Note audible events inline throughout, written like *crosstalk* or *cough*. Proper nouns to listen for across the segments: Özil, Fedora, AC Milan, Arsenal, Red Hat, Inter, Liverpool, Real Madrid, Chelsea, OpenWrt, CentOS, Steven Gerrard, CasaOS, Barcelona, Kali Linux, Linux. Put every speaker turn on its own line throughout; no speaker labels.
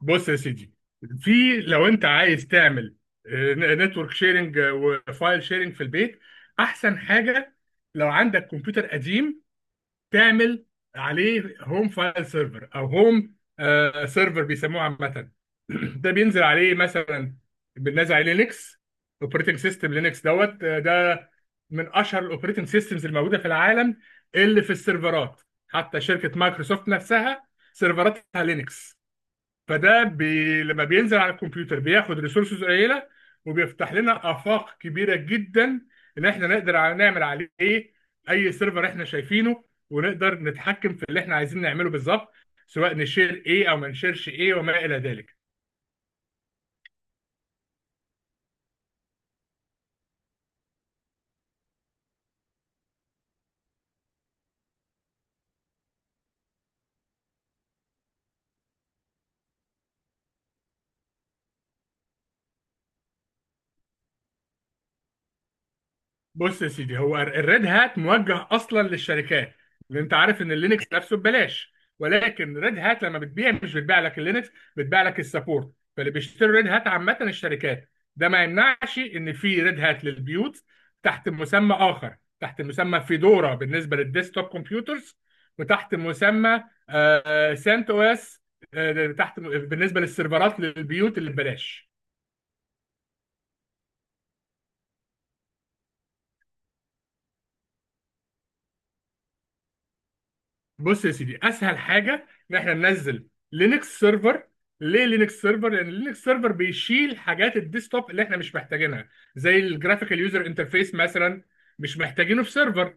بص يا سيدي، في لو انت عايز تعمل نتورك شيرنج وفايل شيرنج في البيت، احسن حاجه لو عندك كمبيوتر قديم تعمل عليه هوم فايل سيرفر او هوم سيرفر بيسموه عامه. *clears throat* ده بينزل عليه مثلا، بننزل عليه لينكس اوبريتنج سيستم. لينكس دوت آه، ده من اشهر الاوبريتنج سيستمز الموجوده في العالم اللي في السيرفرات. حتى شركه مايكروسوفت نفسها سيرفراتها لينكس. لما بينزل على الكمبيوتر بياخد ريسورسز قليله، وبيفتح لنا افاق كبيره جدا ان احنا نقدر نعمل عليه اي سيرفر احنا شايفينه، ونقدر نتحكم في اللي احنا عايزين نعمله بالظبط، سواء نشير ايه او ما نشيرش ايه وما الى ذلك. بص يا سيدي، هو الريد هات موجه اصلا للشركات، لان انت عارف ان اللينكس نفسه ببلاش. ولكن ريد هات لما بتبيع مش بتبيع لك اللينكس، بتبيع لك السبورت. فاللي بيشتري ريد هات عامه الشركات. ده ما يمنعش ان في ريد هات للبيوت تحت مسمى اخر، تحت مسمى فيدورا بالنسبه للديسكتوب كمبيوترز، وتحت مسمى سانت او اس تحت بالنسبه للسيرفرات للبيوت اللي ببلاش. بص يا سيدي، اسهل حاجه ان احنا ننزل لينكس سيرفر. ليه لينكس سيرفر؟ لان لينكس سيرفر بيشيل حاجات الديسktop اللي احنا مش محتاجينها زي الجرافيكال يوزر انترفيس مثلا، مش محتاجينه في سيرفر.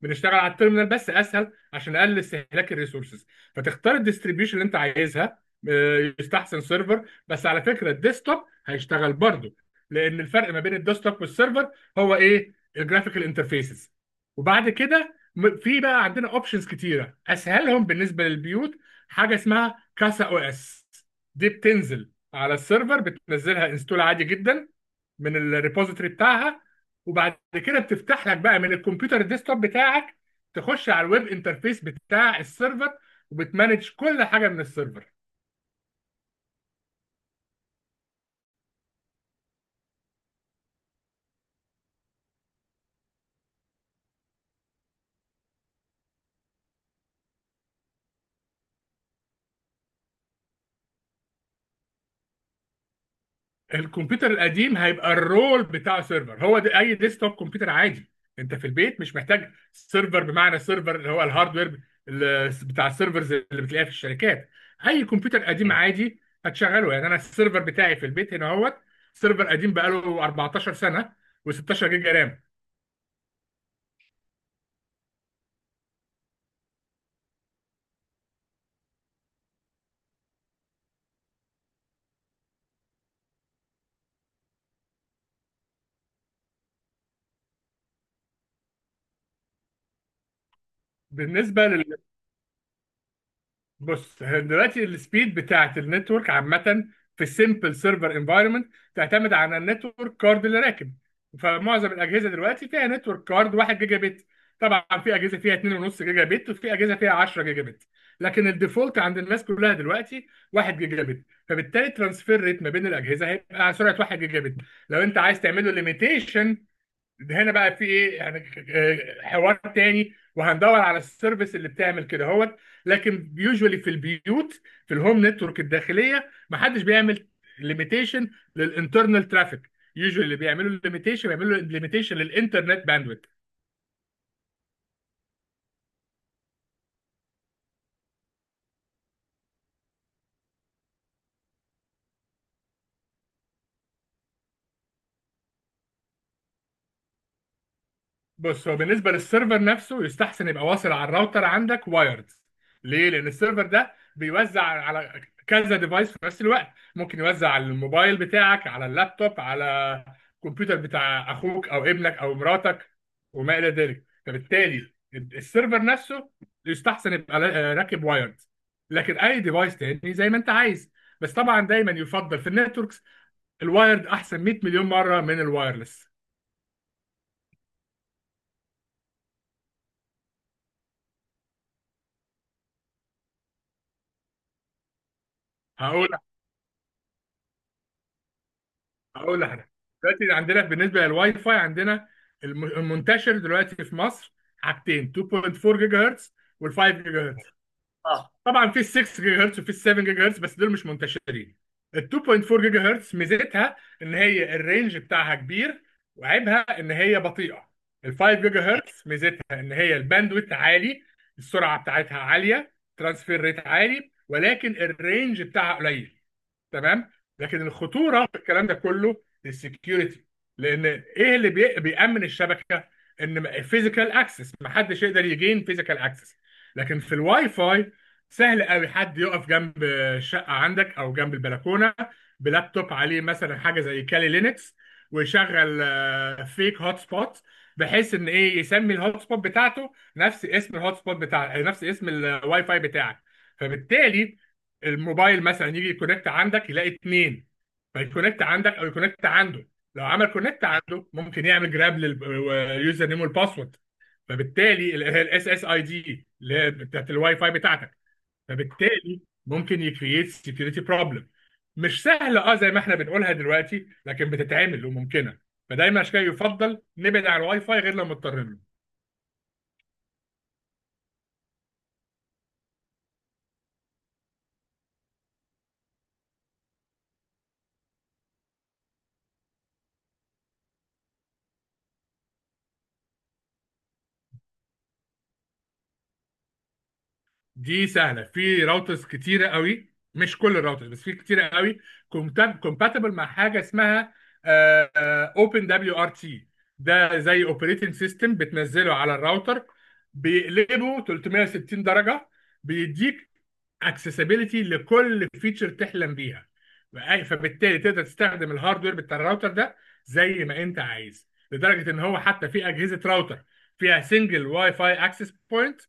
بنشتغل على التيرمينال بس، اسهل عشان نقلل استهلاك الريسورسز. فتختار الديستريبيوشن اللي انت عايزها، يستحسن سيرفر، بس على فكره الديسktop هيشتغل برضه، لان الفرق ما بين الديسktop والسيرفر هو ايه؟ الجرافيكال انترفيسز. وبعد كده في بقى عندنا اوبشنز كتيره، اسهلهم بالنسبه للبيوت حاجه اسمها كاسا او اس. دي بتنزل على السيرفر، بتنزلها انستول عادي جدا من الريبوزيتوري بتاعها، وبعد كده بتفتح لك بقى من الكمبيوتر الديسكتوب بتاعك، تخش على الويب انترفيس بتاع السيرفر، وبتمانج كل حاجه من السيرفر. الكمبيوتر القديم هيبقى الرول بتاع سيرفر، هو ده اي ديسكتوب كمبيوتر عادي. انت في البيت مش محتاج سيرفر بمعنى سيرفر، اللي هو الهاردوير بتاع السيرفرز اللي بتلاقيها في الشركات. اي كمبيوتر قديم عادي هتشغله. يعني انا السيرفر بتاعي في البيت هنا اهوت، سيرفر قديم بقاله 14 سنه و16 جيجا رام. بالنسبه بص، هي دلوقتي السبيد بتاعت النتورك عامة في السيمبل سيرفر انفايرمنت تعتمد على النتورك كارد اللي راكب. فمعظم الأجهزة دلوقتي فيها نتورك كارد 1 جيجا بت. طبعا في أجهزة فيها 2.5 جيجا بت، وفي أجهزة فيها 10 جيجا بت. لكن الديفولت عند الناس كلها دلوقتي 1 جيجا بت. فبالتالي ترانسفير ريت ما بين الأجهزة هيبقى على سرعة 1 جيجا بت. لو أنت عايز تعمله ليميتيشن، ده هنا بقى في ايه يعني؟ حوار تاني، وهندور على السيرفيس اللي بتعمل كده هوت. لكن يوجوالي في البيوت، في الهوم نتورك الداخليه، ما حدش بيعمل ليميتيشن للانترنال ترافيك. يوجوالي اللي بيعملوا ليميتيشن بيعملوا ليميتيشن للانترنت باندويث. بص، هو بالنسبه للسيرفر نفسه يستحسن يبقى واصل على الراوتر عندك وايرد. ليه؟ لان السيرفر ده بيوزع على كذا ديفايس في نفس الوقت. ممكن يوزع على الموبايل بتاعك، على اللابتوب، على الكمبيوتر بتاع اخوك او ابنك او مراتك وما الى ذلك. فبالتالي السيرفر نفسه يستحسن يبقى راكب وايرد. لكن اي ديفايس تاني زي ما انت عايز. بس طبعا دايما يفضل في النتوركس، الوايرد احسن 100 مليون مره من الوايرلس. هقول هقول لك، دلوقتي عندنا بالنسبه للواي فاي، عندنا المنتشر دلوقتي في مصر حاجتين: 2.4 جيجا هرتز وال5 جيجا. اه، طبعا في ال 6 جيجا هرتز وفي ال 7 جيجا هرتز، بس دول مش منتشرين. ال 2.4 جيجا هرتز ميزتها ان هي الرينج بتاعها كبير، وعيبها ان هي بطيئه. ال 5 جيجا هرتز ميزتها ان هي الباندويت عالي، السرعه بتاعتها عاليه، ترانسفير ريت عالي، ولكن الرينج بتاعها قليل. تمام. لكن الخطوره في الكلام ده كله السكيورتي. لان ايه اللي بيأمن الشبكه؟ ان فيزيكال اكسس محدش يقدر يجين فيزيكال اكسس. لكن في الواي فاي سهل قوي حد يقف جنب الشقه عندك او جنب البلكونه بلابتوب عليه مثلا حاجه زي كالي لينكس، ويشغل فيك هوت سبوت، بحيث ان ايه، يسمي الهوت سبوت بتاعته نفس اسم الهوت سبوت بتاع نفس اسم الواي فاي بتاعك. فبالتالي الموبايل مثلا يجي يكونكت عندك يلاقي اتنين، فيكونكت عندك او يكونكت عنده. لو عمل كونكت عنده ممكن يعمل جراب لليوزر نيم والباسورد، فبالتالي الاس اس اي دي اللي هي بتاعت الواي فاي بتاعتك. فبالتالي ممكن يكريت سكيورتي بروبلم. مش سهله اه زي ما احنا بنقولها دلوقتي، لكن بتتعمل وممكنه. فدايما عشان كده يفضل نبعد عن الواي فاي غير لما مضطرين له. دي سهله، في راوترز كتيره قوي، مش كل الراوترز بس في كتيره قوي كومباتبل مع حاجه اسمها اوبن دبليو ار تي. ده زي اوبريتنج سيستم بتنزله على الراوتر، بيقلبه 360 درجه، بيديك اكسسبيليتي لكل فيتشر تحلم بيها. فبالتالي تقدر تستخدم الهاردوير بتاع الراوتر ده زي ما انت عايز، لدرجه ان هو حتى في اجهزه راوتر فيها سنجل واي فاي اكسس بوينت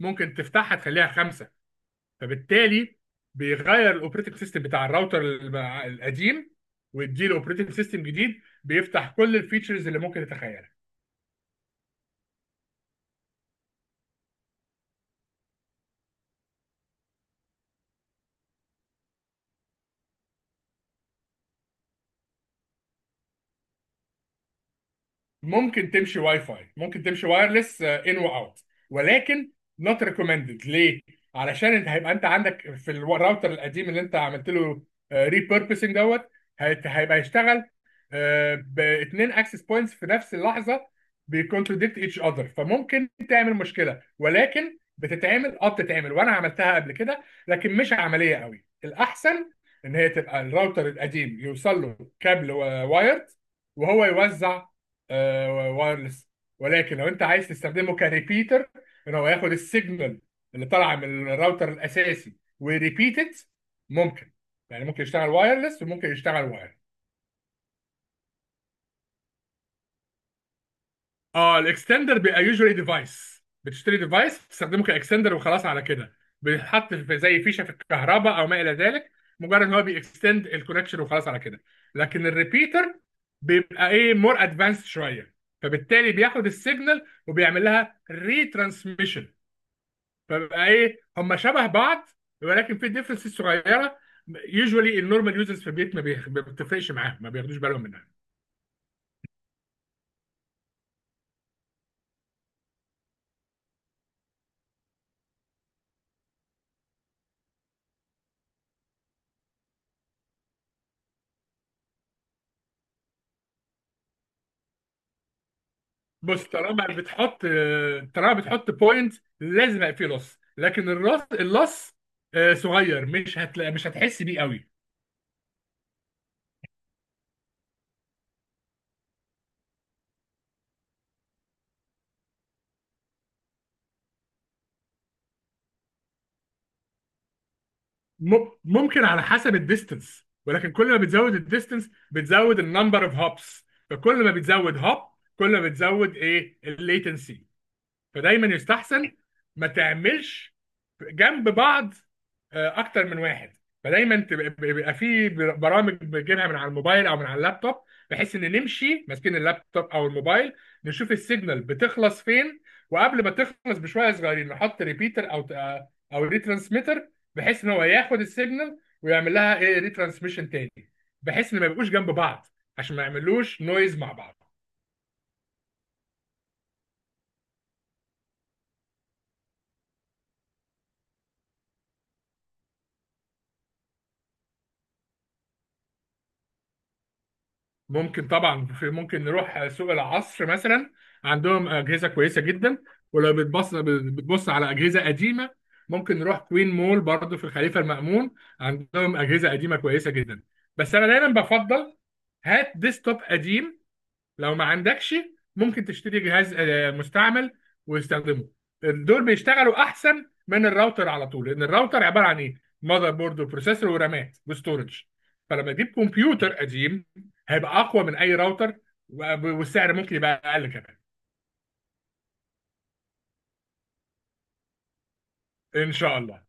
ممكن تفتحها تخليها خمسه. فبالتالي بيغير الاوبريتنج سيستم بتاع الراوتر القديم، ويديله اوبريتنج سيستم جديد بيفتح كل الفيتشرز اللي ممكن تتخيلها. ممكن تمشي واي فاي، ممكن تمشي وايرلس ان واوت، ولكن نوت ريكومندد. ليه؟ علشان انت هيبقى انت عندك في الراوتر القديم اللي انت عملت له ريبيربسنج هيبقى يشتغل باثنين اكسس بوينتس في نفس اللحظه، بيكونتراديكت ايتش اذر، فممكن تعمل مشكله. ولكن بتتعمل، اه بتتعمل، وانا عملتها قبل كده، لكن مش عمليه قوي. الاحسن ان هي تبقى الراوتر القديم يوصل له كابل وايرد، وهو يوزع وايرلس. ولكن لو انت عايز تستخدمه كريبيتر، ان هو ياخد السيجنال اللي طالعه من الراوتر الاساسي وريبيتد، ممكن. يعني ممكن يشتغل وايرلس وممكن يشتغل واير. اه، الاكستندر بيبقى يوجوالي ديفايس، بتشتري ديفايس بتستخدمه كاكستندر وخلاص على كده، بيتحط في زي فيشه في الكهرباء او ما الى ذلك. مجرد ان هو بيكستند الكونكشن وخلاص على كده. لكن الريبيتر بيبقى ايه؟ مور ادفانسد شويه. فبالتالي بياخد السيجنال وبيعمل لها ريترانسميشن. فبقى ايه؟ هم شبه بعض، ولكن في ديفرنسز صغيره. يوجوالي النورمال يوزرز في البيت ما بتفرقش معاهم، ما بياخدوش بالهم منها. بص، طالما بتحط بوينت لازم يبقى فيه لص، لكن الراس اللص صغير، مش هتلاقي، مش هتحس بيه قوي. ممكن، على حسب الديستنس. ولكن كل ما بتزود الديستنس بتزود النمبر اوف هوبس. فكل ما بتزود هوب، كل ما بتزود ايه؟ الليتنسي. فدايما يستحسن ما تعملش جنب بعض اكتر من واحد. فدايما بيبقى في برامج بنجيبها من على الموبايل او من على اللابتوب، بحيث ان نمشي ماسكين اللابتوب او الموبايل، نشوف السيجنال بتخلص فين، وقبل ما تخلص بشويه صغيرين نحط ريبيتر او ريترانسميتر، بحيث ان هو ياخد السيجنال ويعمل لها ايه، ريترانسميشن تاني، بحيث ان ما يبقوش جنب بعض عشان ما يعملوش نويز مع بعض. ممكن طبعا، ممكن نروح سوق العصر مثلا، عندهم اجهزه كويسه جدا. ولو بتبص على اجهزه قديمه، ممكن نروح كوين مول برضو في الخليفه المأمون، عندهم اجهزه قديمه كويسه جدا. بس انا دايما بفضل هات ديسكتوب قديم. لو ما عندكش ممكن تشتري جهاز مستعمل وتستخدمه. دول بيشتغلوا احسن من الراوتر على طول، لان الراوتر عباره عن ايه؟ ماذر بورد وبروسيسور ورامات وستورج. فلما تجيب كمبيوتر قديم هيبقى اقوى من اي راوتر، والسعر ممكن يبقى اقل كمان. ان شاء الله.